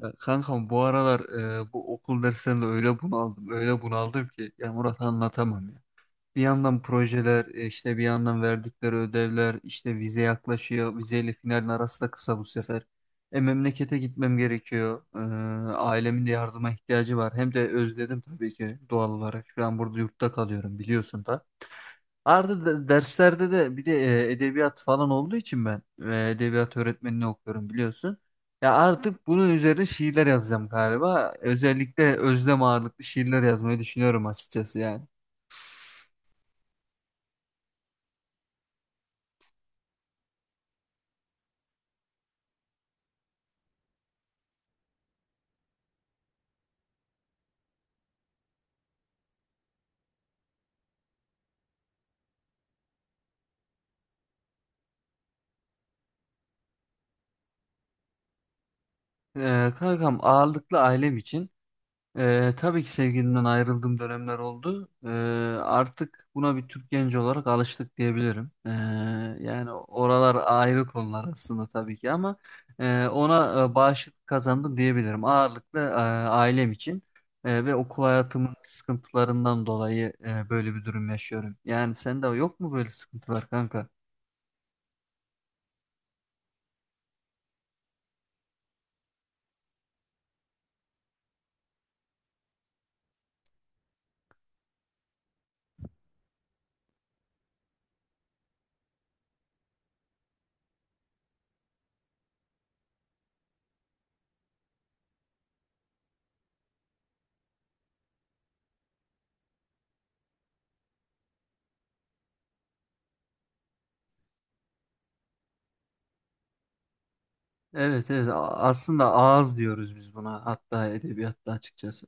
Ya kankam, bu aralar bu okul dersleriyle öyle bunaldım, öyle bunaldım ki ya Murat, anlatamam ya. Bir yandan projeler, işte bir yandan verdikleri ödevler, işte vize yaklaşıyor. Vizeyle finalin arası da kısa bu sefer. Memlekete gitmem gerekiyor. Ailemin de yardıma ihtiyacı var. Hem de özledim, tabii ki, doğal olarak. Şu an burada yurtta kalıyorum biliyorsun da. Arada derslerde de bir de edebiyat falan olduğu için ben edebiyat öğretmenini okuyorum biliyorsun. Ya artık bunun üzerine şiirler yazacağım galiba. Özellikle özlem ağırlıklı şiirler yazmayı düşünüyorum açıkçası yani. Kankam, ağırlıklı ailem için. Tabii ki sevgilimden ayrıldığım dönemler oldu. Artık buna bir Türk genci olarak alıştık diyebilirim. Yani oralar ayrı konular aslında tabii ki, ama ona bağışıklık kazandım diyebilirim. Ağırlıklı ailem için ve okul hayatımın sıkıntılarından dolayı böyle bir durum yaşıyorum. Yani sende yok mu böyle sıkıntılar kanka? Evet, evet. Aslında ağız diyoruz biz buna, hatta edebiyatta açıkçası.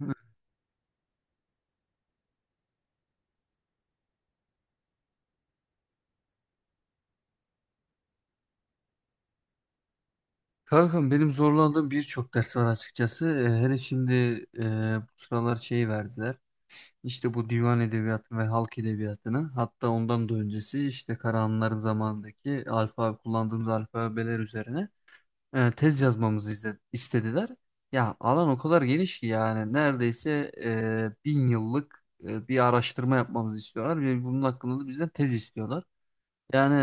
Hı. Kankam, benim zorlandığım birçok ders var açıkçası. Hele şimdi e, bu sıralar şey verdiler. İşte bu divan edebiyatını ve halk edebiyatını, hatta ondan da öncesi işte Karahanlıların zamanındaki alfabe, kullandığımız alfabeler üzerine tez yazmamızı istediler. Ya alan o kadar geniş ki yani neredeyse bin yıllık bir araştırma yapmamızı istiyorlar ve bunun hakkında da bizden tez istiyorlar. Yani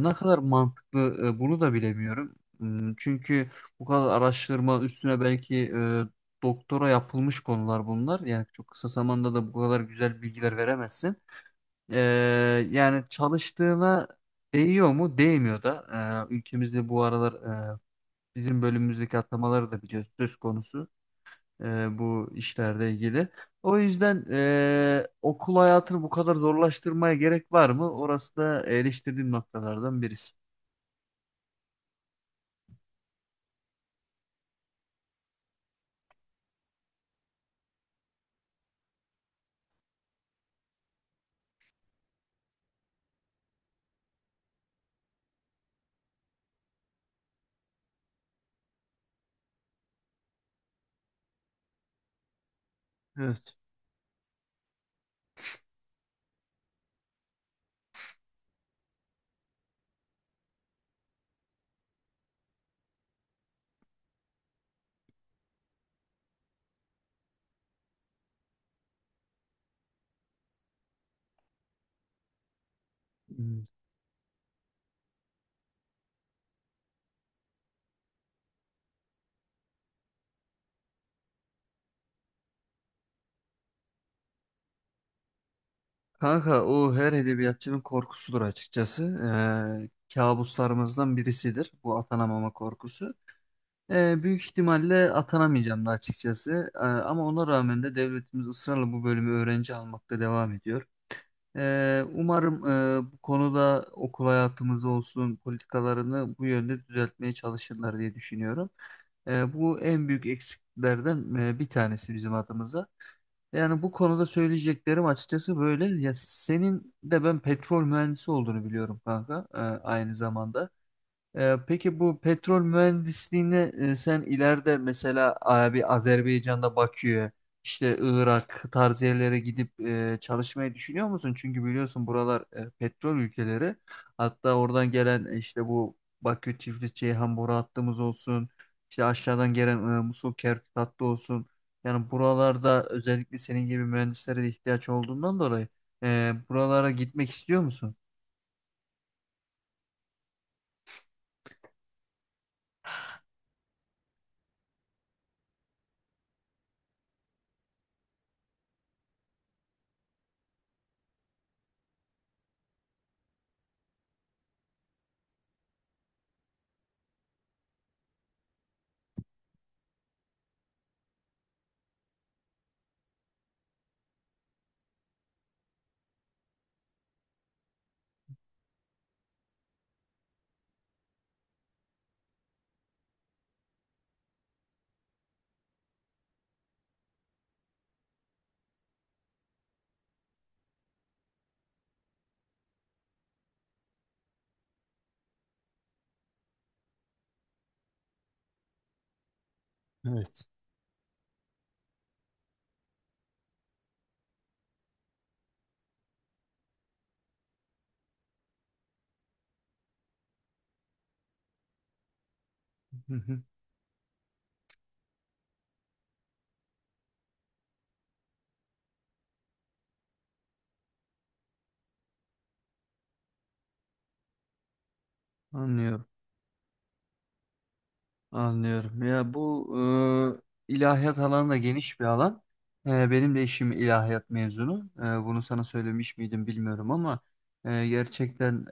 ne kadar mantıklı bunu da bilemiyorum. Çünkü bu kadar araştırma üstüne belki doktora yapılmış konular bunlar. Yani çok kısa zamanda da bu kadar güzel bilgiler veremezsin. E, Yani çalıştığına değiyor mu? Değmiyor da. Ülkemizde bu aralar e, bizim bölümümüzdeki atamaları da biliyoruz, söz konusu bu işlerle ilgili. O yüzden okul hayatını bu kadar zorlaştırmaya gerek var mı? Orası da eleştirdiğim noktalardan birisi. Evet. Hmm. Kanka, o her edebiyatçının korkusudur açıkçası. Ee, Kabuslarımızdan birisidir bu atanamama korkusu. Büyük ihtimalle atanamayacağım da açıkçası. Ama ona rağmen de devletimiz ısrarla bu bölümü öğrenci almakta devam ediyor. Umarım bu konuda okul hayatımız olsun, politikalarını bu yönde düzeltmeye çalışırlar diye düşünüyorum. Bu en büyük eksiklerden bir tanesi bizim adımıza. Yani bu konuda söyleyeceklerim açıkçası böyle. Ya senin de ben petrol mühendisi olduğunu biliyorum kanka, aynı zamanda. Peki bu petrol mühendisliğine sen ileride mesela abi Azerbaycan'da Bakü'ye, işte Irak tarzı yerlere gidip çalışmayı düşünüyor musun? Çünkü biliyorsun buralar petrol ülkeleri. Hatta oradan gelen işte bu Bakü, Tiflis, Ceyhan boru hattımız olsun, işte aşağıdan gelen Musul, Kerkük hattı olsun. Yani buralarda özellikle senin gibi mühendislere de ihtiyaç olduğundan dolayı buralara gitmek istiyor musun? Evet. Hı hı, anlıyorum. Anlıyorum. Ya bu ilahiyat alanı da geniş bir alan. Benim de eşim ilahiyat mezunu. Bunu sana söylemiş miydim bilmiyorum ama gerçekten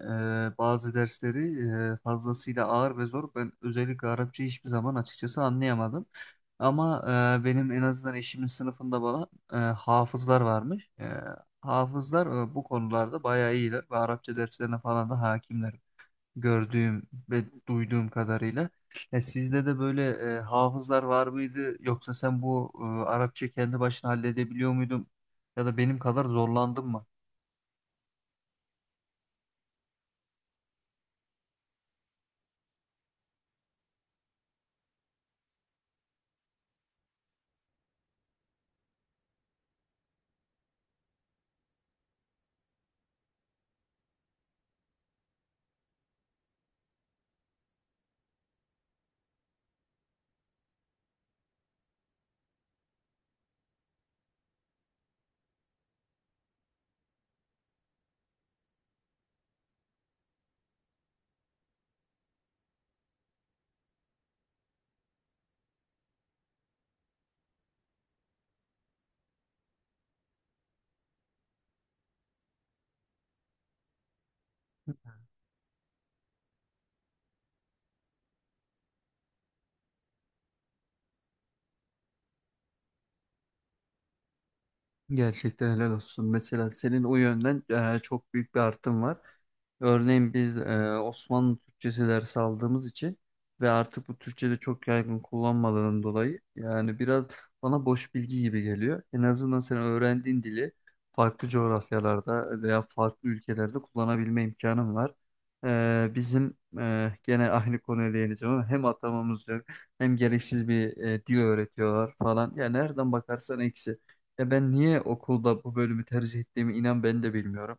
bazı dersleri fazlasıyla ağır ve zor. Ben özellikle Arapça hiçbir zaman açıkçası anlayamadım. Ama benim en azından eşimin sınıfında bana hafızlar varmış. Hafızlar bu konularda bayağı iyiler ve Arapça derslerine falan da hakimler, gördüğüm ve duyduğum kadarıyla. Ya sizde de böyle hafızlar var mıydı? Yoksa sen bu Arapça kendi başına halledebiliyor muydun? Ya da benim kadar zorlandın mı? Gerçekten helal olsun. Mesela senin o yönden çok büyük bir artım var. Örneğin biz Osmanlı Türkçesi dersi aldığımız için ve artık bu Türkçe'de çok yaygın kullanmalarının dolayı yani biraz bana boş bilgi gibi geliyor. En azından sen öğrendiğin dili farklı coğrafyalarda veya farklı ülkelerde kullanabilme imkanın var. Bizim gene aynı konuya değineceğim, ama hem atamamız yok, hem gereksiz bir dil öğretiyorlar falan. Yani nereden bakarsan eksi. Ya ben niye okulda bu bölümü tercih ettiğimi inan ben de bilmiyorum.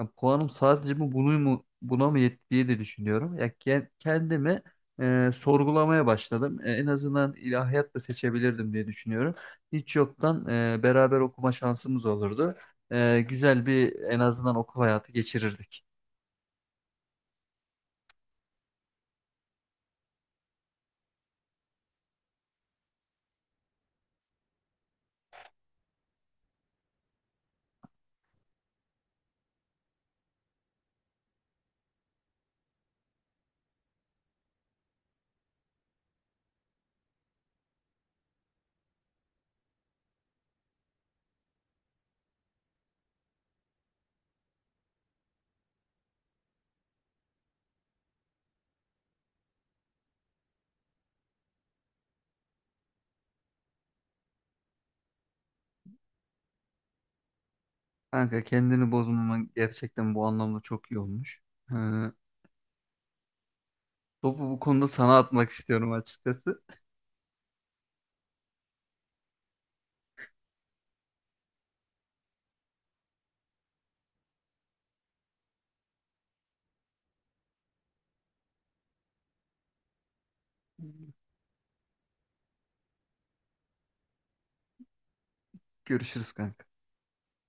Ya puanım sadece bu bunu mu buna mı yetti diye de düşünüyorum. Ya kendimi sorgulamaya başladım. En azından ilahiyat da seçebilirdim diye düşünüyorum. Hiç yoktan beraber okuma şansımız olurdu. Güzel bir en azından okul hayatı geçirirdik. Kanka, kendini bozmaman gerçekten bu anlamda çok iyi olmuş. E, Topu bu konuda sana atmak istiyorum açıkçası. Görüşürüz kanka.